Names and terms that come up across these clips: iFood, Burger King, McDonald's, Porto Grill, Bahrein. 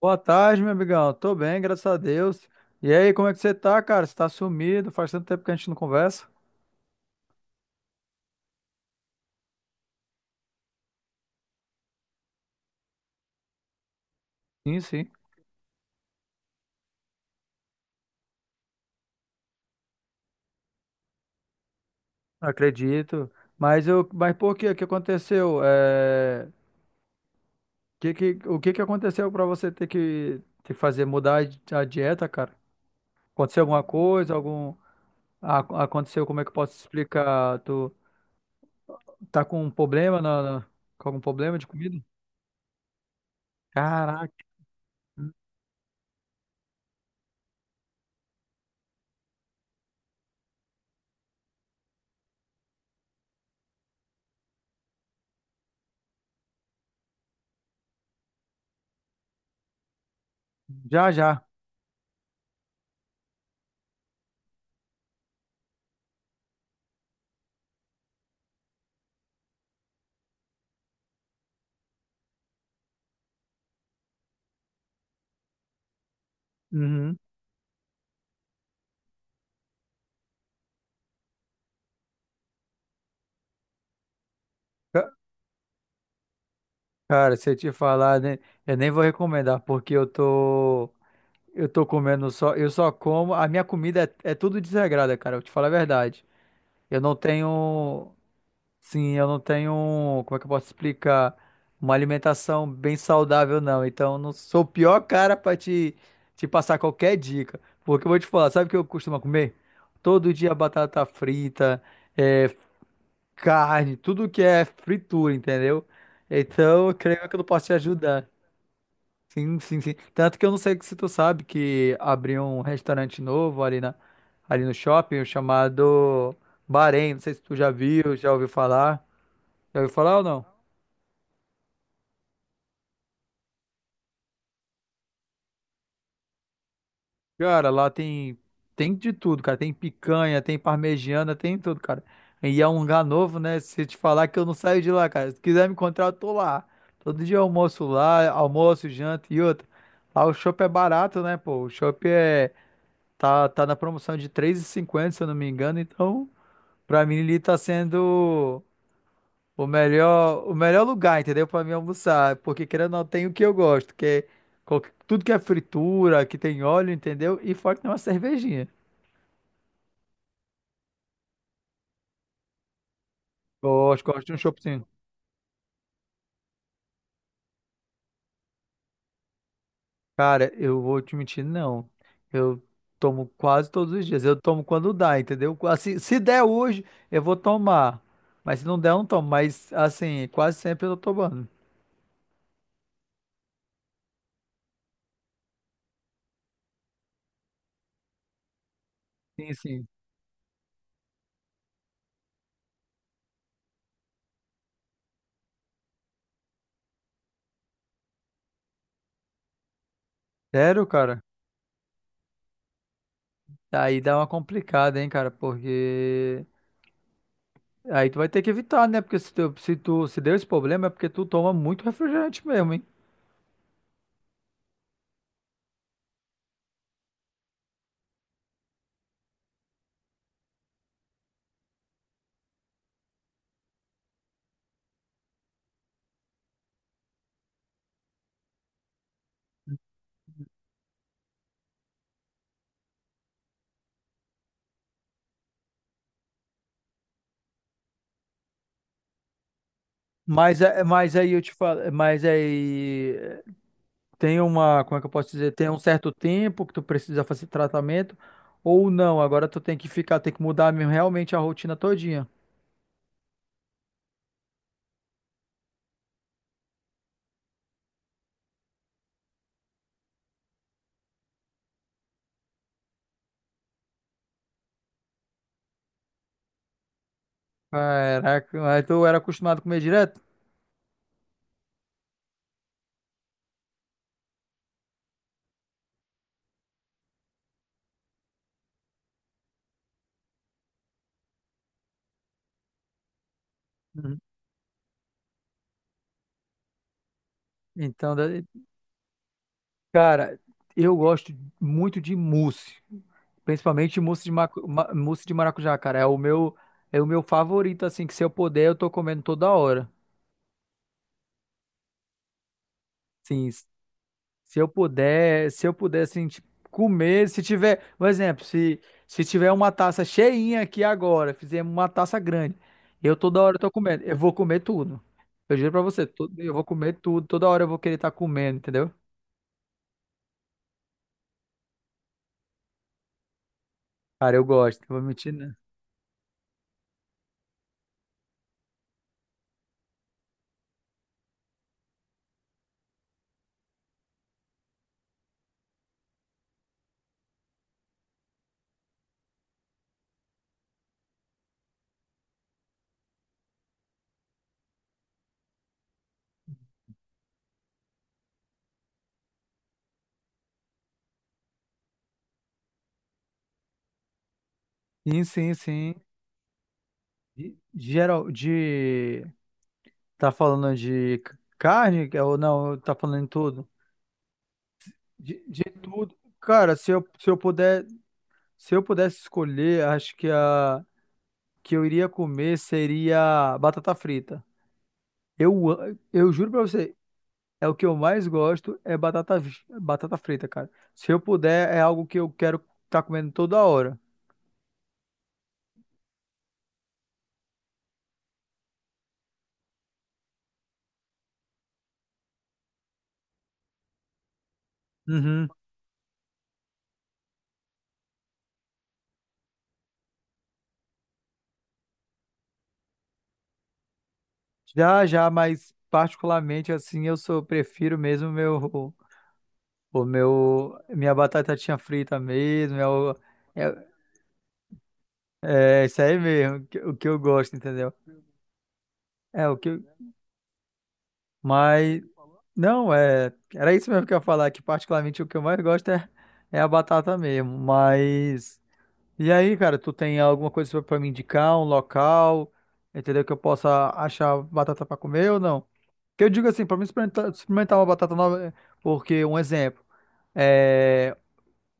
Boa tarde, meu amigão. Tô bem, graças a Deus. E aí, como é que você tá, cara? Você tá sumido? Faz tanto tempo que a gente não conversa? Sim, sim, acredito. Mas por quê? O que aconteceu? O que que aconteceu pra você ter que fazer mudar a dieta, cara? Aconteceu alguma coisa? Aconteceu? Como é que eu posso explicar? Tu tá com um problema com algum problema de comida? Caraca, já já. Uhum. Cara, se eu te falar, né, eu nem vou recomendar, porque eu tô comendo só, a minha comida é, é tudo desregrada, cara, eu te falo a verdade. Eu não tenho, sim, eu não tenho, um, como é que eu posso explicar? Uma alimentação bem saudável, não. Então, eu não sou o pior cara pra te passar qualquer dica. Porque eu vou te falar, sabe o que eu costumo comer? Todo dia batata frita, é, carne, tudo que é fritura, entendeu? Então, eu creio que eu não posso te ajudar. Sim, sim, sim. Tanto que eu não sei se tu sabe que abriu um restaurante novo ali no shopping chamado Bahrein. Não sei se tu já viu, já ouviu falar. Já ouviu falar ou não? Cara, lá tem de tudo, cara. Tem picanha, tem parmegiana, tem tudo, cara. E é um lugar novo, né? Se eu te falar que eu não saio de lá, cara. Se quiser me encontrar, eu tô lá. Todo dia eu almoço lá, almoço, janta e outra. Lá o chopp é barato, né, pô? O chopp tá na promoção de 3,50 se eu não me engano, então. Pra mim, ali tá sendo o melhor lugar, entendeu? Pra mim almoçar. Porque querendo ou não, tem o que eu gosto, que é tudo que é fritura, que tem óleo, entendeu? E fora que tem uma cervejinha. Gosto, gosto de um choppzinho. Cara, eu vou te mentir, não. Eu tomo quase todos os dias. Eu tomo quando dá, entendeu? Assim, se der hoje, eu vou tomar. Mas se não der, eu não tomo. Mas, assim, quase sempre eu tô tomando. Sim, sim. Sério, cara? Aí dá uma complicada, hein, cara? Porque. Aí tu vai ter que evitar, né? Porque se tu se deu esse problema é porque tu toma muito refrigerante mesmo, hein? Mas, é- mas aí eu te falo, mas aí é, tem uma, como é que eu posso dizer? Tem um certo tempo que tu precisa fazer tratamento ou não. Agora tu tem que ficar, tem que mudar mesmo realmente a rotina todinha. Caraca, mas tu era acostumado a comer direto? Uhum. Então, da- Cara, eu gosto muito de mousse, principalmente mousse de maracujá, cara. É o meu favorito, assim, que se eu puder, eu tô comendo toda hora. Sim, s- se eu puder, se eu puder, assim, tipo, comer, se tiver, por exemplo, se tiver uma taça cheinha aqui agora, fizemos uma taça grande, eu toda hora tô comendo, eu vou comer tudo. Eu juro pra você, eu vou comer tudo, toda hora eu vou querer estar comendo, entendeu? Cara, eu gosto, não vou mentir, né? Sim, sim, sim. E Geral, de. Tá falando de carne? É, Ou não, tá falando em tudo? De tudo. Cara, se eu puder, se eu pudesse escolher, acho que a que eu iria comer seria batata frita. Eu juro pra você, é o que eu mais gosto, é batata frita, cara. Se eu puder, é algo que eu quero estar comendo toda hora. Uhum. Já, já, mas particularmente assim, eu sou, prefiro mesmo meu. Minha batata tinha frita mesmo, é, é isso aí mesmo, o que eu gosto, entendeu? É o que, eu- mas não é, era isso mesmo que eu ia falar, que particularmente o que eu mais gosto é, é a batata mesmo, mas e aí, cara, tu tem alguma coisa pra pra me indicar, um local, entendeu, que eu possa achar batata pra comer ou não? Que eu digo assim, pra mim experimentar, experimentar uma batata nova, porque um exemplo, é,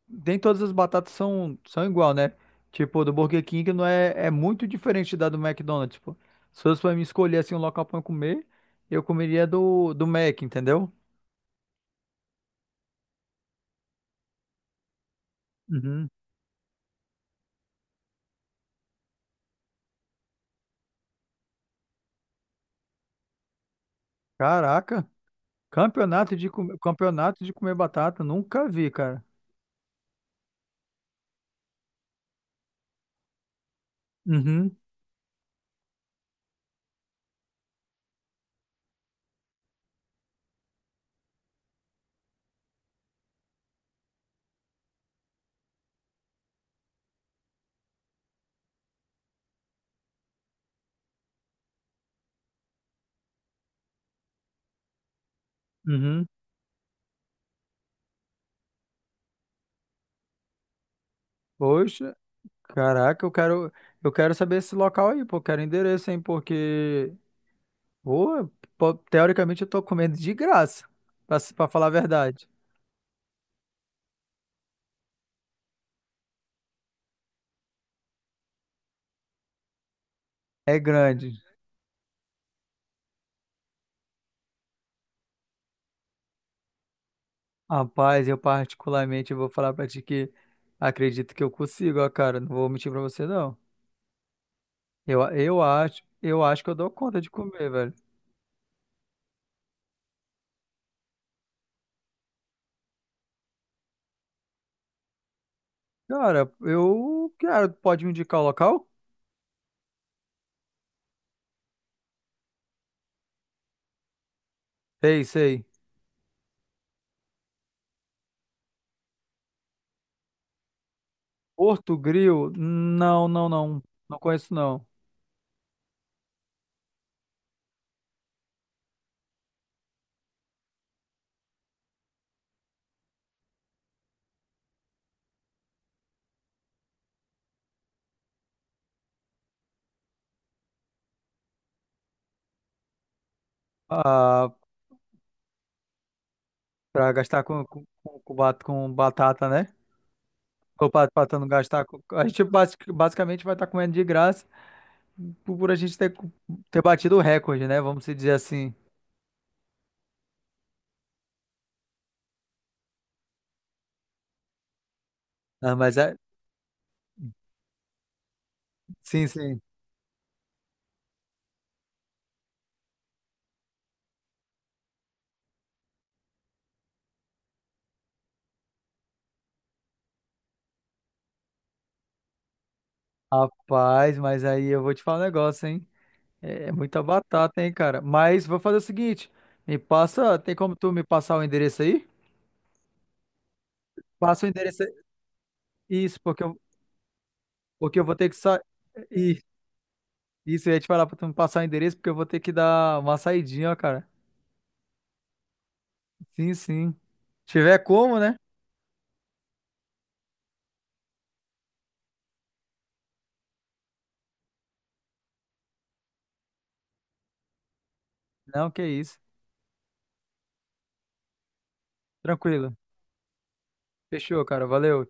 nem todas as batatas são, são igual, né? Tipo, do Burger King não é, é muito diferente da do McDonald's. Tipo, se fosse pra mim escolher assim um local pra eu comer, eu comeria do, do Mac, entendeu? Uhum. Caraca, campeonato de comer batata, nunca vi, cara. Uhum. Uhum. Poxa, caraca, eu quero saber esse local aí, pô, eu quero endereço, hein, porque pô, teoricamente eu tô comendo de graça, pra, se- pra falar a verdade. É grande. Rapaz, eu particularmente vou falar pra ti que acredito que eu consigo, ó, cara. Não vou mentir pra você, não. Eu acho que eu dou conta de comer, velho. Cara, pode me indicar o local? Sei, sei. Porto Grill? Não, não, não. Não conheço, não. Ah, pra gastar com com batata, né? Ou pra tu não gastar com... A gente basicamente vai estar comendo de graça por a gente ter, ter batido o recorde, né? Vamos se dizer assim. Ah, mas é... Sim, sim. Rapaz, mas aí eu vou te falar um negócio, hein? É muita batata, hein, cara? Mas vou fazer o seguinte: me passa, tem como tu me passar o endereço aí? Passa o endereço, isso, porque eu vou ter que sair. Isso, eu ia te falar pra tu me passar o endereço, porque eu vou ter que dar uma saidinha, ó, cara. Sim, sim. Se tiver como, né? Não, que isso. Tranquilo. Fechou, cara. Valeu.